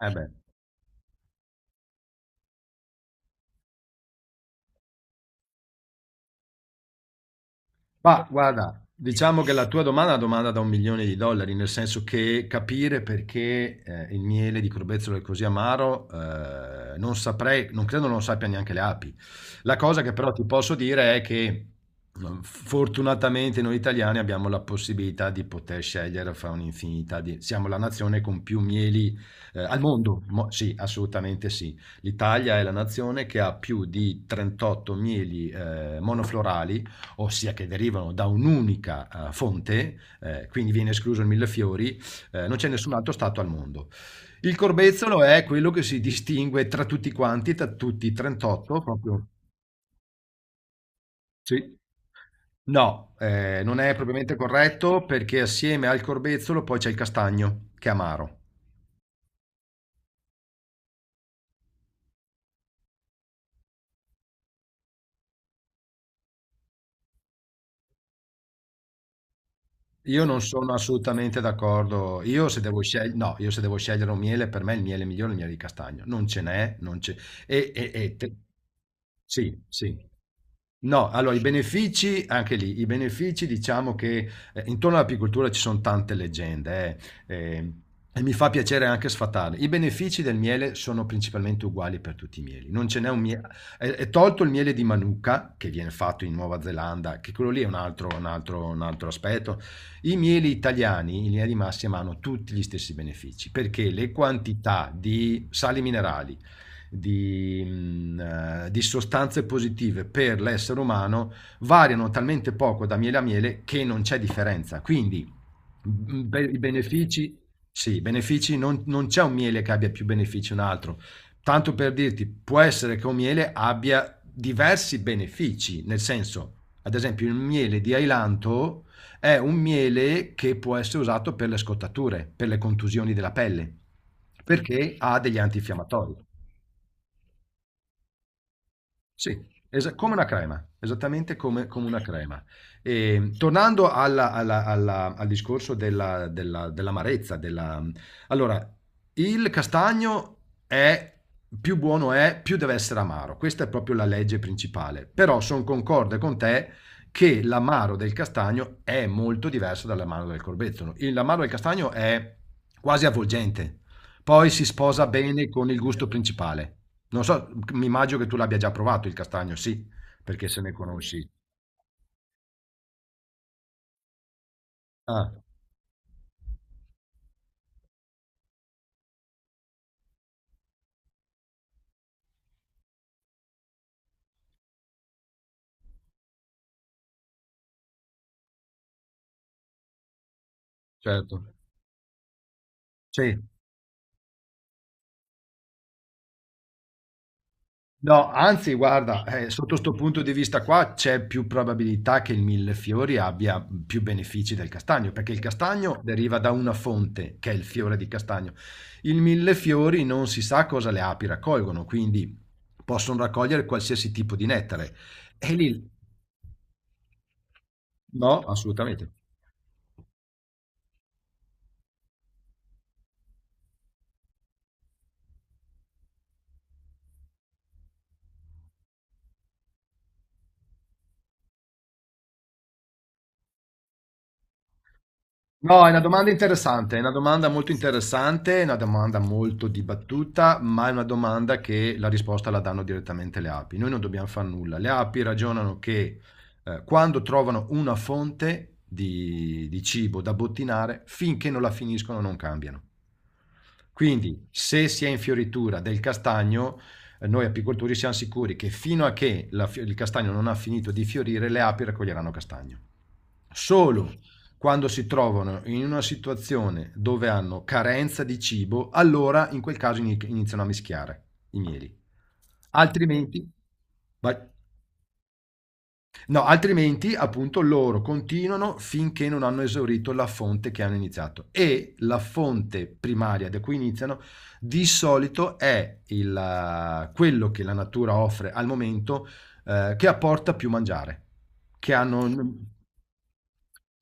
Eh beh, ma guarda, diciamo che la tua domanda è una domanda da un milione di dollari, nel senso che capire perché il miele di Corbezzolo è così amaro, non saprei, non credo non lo sappia neanche le api. La cosa che però ti posso dire è che fortunatamente noi italiani abbiamo la possibilità di poter scegliere fra un'infinità di... Siamo la nazione con più mieli al mondo. Sì, assolutamente sì. L'Italia è la nazione che ha più di 38 mieli monoflorali, ossia che derivano da un'unica fonte, quindi viene escluso il millefiori, Non c'è nessun altro stato al mondo. Il corbezzolo è quello che si distingue tra tutti quanti, tra tutti i 38, proprio... Sì. No, non è propriamente corretto perché assieme al corbezzolo poi c'è il castagno, che è amaro. Io non sono assolutamente d'accordo. Io se devo scegliere, no, io se devo scegliere un miele, per me il miele migliore è il miele di castagno. Non ce n'è, non c'è. E, e- e te- Sì, sì. No, allora i benefici, anche lì, i benefici diciamo che intorno all'apicoltura ci sono tante leggende, eh, eh, e mi fa piacere anche sfatarle. I benefici del miele sono principalmente uguali per tutti i mieli. Non ce n'è un miele, è tolto il miele di Manuka che viene fatto in Nuova Zelanda, che quello lì è un altro aspetto. I mieli italiani in linea di massima hanno tutti gli stessi benefici perché le quantità di sali minerali di, mh, di sostanze positive per l'essere umano variano talmente poco da miele a miele che non c'è differenza. Quindi i benefici, sì, i benefici non c'è un miele che abbia più benefici di un altro. Tanto per dirti, può essere che un miele abbia diversi benefici, nel senso, ad esempio, il miele di ailanto è un miele che può essere usato per le scottature, per le contusioni della pelle, perché ha degli antinfiammatori. Sì, come una crema, esattamente come una crema. E, tornando al discorso dell'amarezza, della... allora, il castagno è più buono è, più deve essere amaro. Questa è proprio la legge principale. Però sono concorde con te che l'amaro del castagno è molto diverso dall'amaro del corbezzolo. L'amaro del castagno è quasi avvolgente, poi si sposa bene con il gusto principale. Non so, mi immagino che tu l'abbia già provato il castagno, sì, perché se ne conosci. Ah, certo. Sì. No, anzi, guarda, sotto sto punto di vista qua c'è più probabilità che il millefiori abbia più benefici del castagno, perché il castagno deriva da una fonte, che è il fiore di castagno. Il millefiori non si sa cosa le api raccolgono, quindi possono raccogliere qualsiasi tipo di nettare. E lì, no, assolutamente. No, è una domanda interessante, è una domanda molto interessante, è una domanda molto dibattuta, ma è una domanda che la risposta la danno direttamente le api. Noi non dobbiamo fare nulla. Le api ragionano che quando trovano una fonte di cibo da bottinare, finché non la finiscono non cambiano. Quindi, se si è in fioritura del castagno, noi apicoltori siamo sicuri che fino a che il castagno non ha finito di fiorire, le api raccoglieranno castagno. Solo quando si trovano in una situazione dove hanno carenza di cibo, allora in quel caso iniziano a mischiare i mieli. Altrimenti, vai- no, altrimenti appunto loro continuano finché non hanno esaurito la fonte che hanno iniziato. E la fonte primaria da cui iniziano di solito è quello che la natura offre al momento, che apporta più mangiare, che hanno...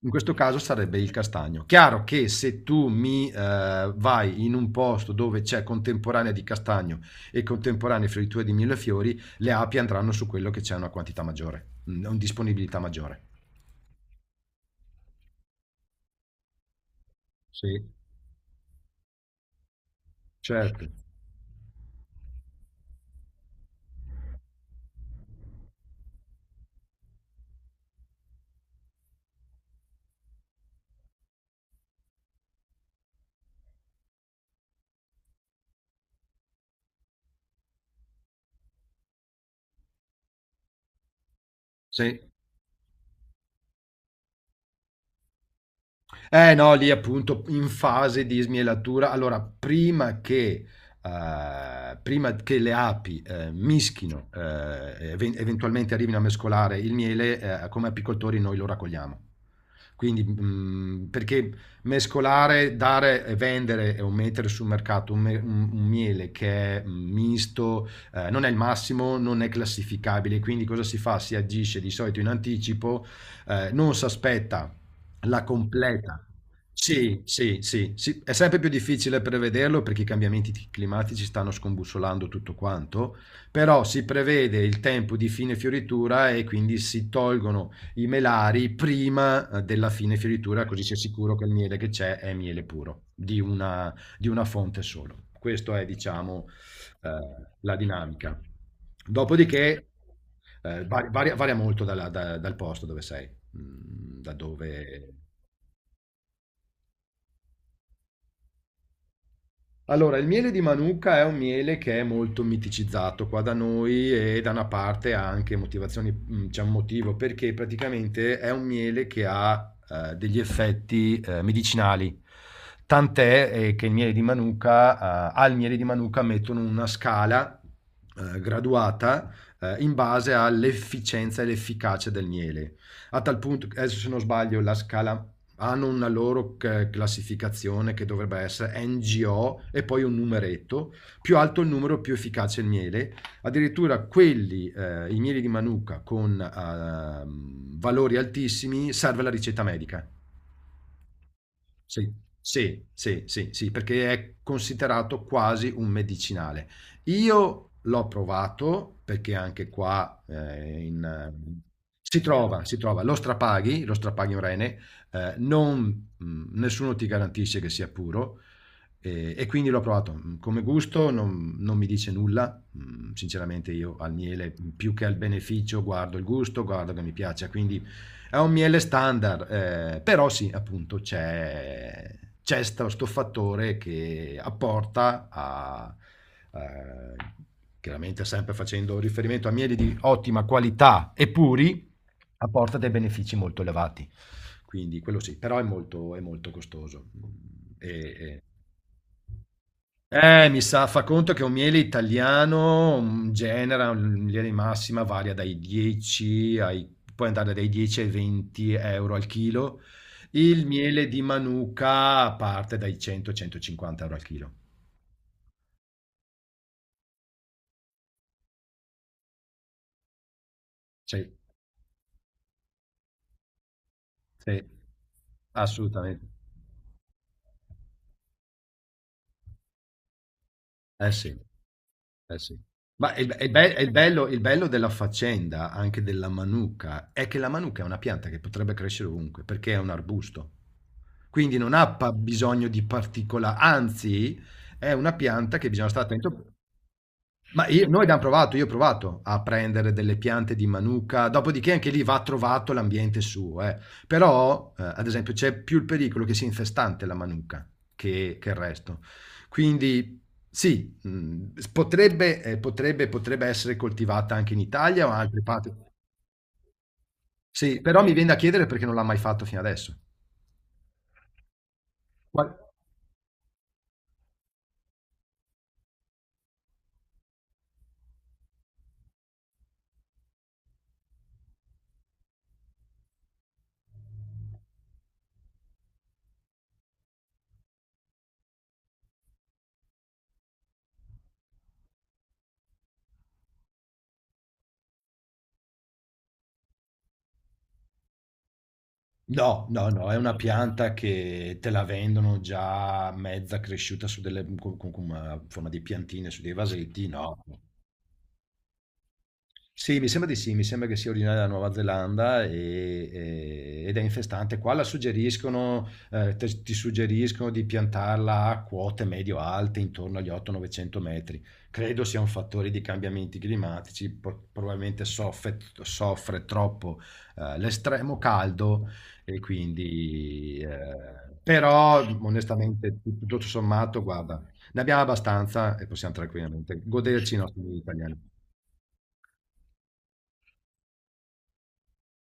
In questo caso sarebbe il castagno. Chiaro che se tu mi vai in un posto dove c'è contemporanea di castagno e contemporanea fioritura di millefiori, le api andranno su quello che c'è una quantità maggiore, una disponibilità maggiore. Sì, certo. Sì. Eh no, lì appunto in fase di smielatura. Allora, prima che le api mischino, eventualmente arrivino a mescolare il miele, come apicoltori noi lo raccogliamo. Quindi, perché mescolare, dare e vendere o mettere sul mercato un miele che è misto, non è il massimo, non è classificabile. Quindi cosa si fa? Si agisce di solito in anticipo, non si aspetta la completa. Sì, sì, sì, sì. È sempre più difficile prevederlo perché i cambiamenti climatici stanno scombussolando tutto quanto, però si prevede il tempo di fine fioritura e quindi si tolgono i melari prima della fine fioritura, così si è sicuro che il miele che c'è è miele puro, di una fonte solo. Questa è, diciamo, eh, la dinamica. Dopodiché varia molto dal posto dove sei, da dove. Allora, il miele di Manuka è un miele che è molto miticizzato qua da noi e da una parte ha anche motivazioni, c'è un motivo perché praticamente è un miele che ha degli effetti medicinali. Tant'è che il miele di Manuka, al miele di Manuka mettono una scala graduata in base all'efficienza e l'efficacia del miele. A tal punto, adesso se non sbaglio, la scala hanno una loro classificazione che dovrebbe essere NGO e poi un numeretto, più alto il numero più efficace il miele, addirittura quelli, i mieli di Manuka con valori altissimi serve la ricetta medica. Sì, sì, sì, sì, sì, perché è considerato quasi un medicinale. Io l'ho provato perché anche qua si trova, lo strapaghi un rene, nessuno ti garantisce che sia puro, e quindi l'ho provato. Come gusto non mi dice nulla. Sinceramente io al miele più che al beneficio guardo il gusto, guardo che mi piaccia, quindi è un miele standard, però sì, appunto c'è sto fattore che apporta a... eh, chiaramente sempre facendo riferimento a mieli di ottima qualità e puri, apporta dei benefici molto elevati. Quindi quello sì, però è molto costoso. E, e mi sa, fa conto che un miele italiano, genera in linea di massima varia dai 10 ai puoi andare dai 10 ai 20 € al chilo. Il miele di Manuka parte dai 100, 150 € al chilo. Sì, sì. Assolutamente. Eh sì. Eh sì. Ma il bello della faccenda, anche della manuka, è che la manuka è una pianta che potrebbe crescere ovunque, perché è un arbusto. Quindi non ha pa bisogno di particola anzi è una pianta che bisogna stare attento, ma noi abbiamo provato, io ho provato a prendere delle piante di Manuka, dopodiché anche lì va trovato l'ambiente suo, eh. Però, ad esempio, c'è più il pericolo che sia infestante la Manuka che il resto. Quindi, sì, potrebbe essere coltivata anche in Italia o in altre parti. Sì, però mi viene da chiedere perché non l'ha mai fatto fino adesso. Qual- No, no, no, è una pianta che te la vendono già mezza cresciuta su con una forma di piantine, su dei vasetti, no. Sì, mi sembra di sì, mi sembra che sia originaria della Nuova Zelanda ed è infestante. Qua la suggeriscono, ti suggeriscono di piantarla a quote medio-alte, intorno agli 800-900 metri. Credo sia un fattore di cambiamenti climatici, probabilmente soffre troppo l'estremo caldo e quindi... però onestamente tutto sommato, guarda, ne abbiamo abbastanza e possiamo tranquillamente goderci i nostri italiani.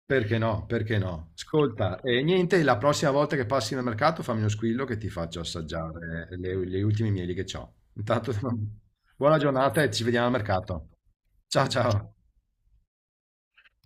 Perché no? Perché no? Ascolta, e niente, la prossima volta che passi nel mercato fammi uno squillo che ti faccio assaggiare le ultime mieli che ho. Intanto, buona giornata e ci vediamo al mercato. Ciao ciao.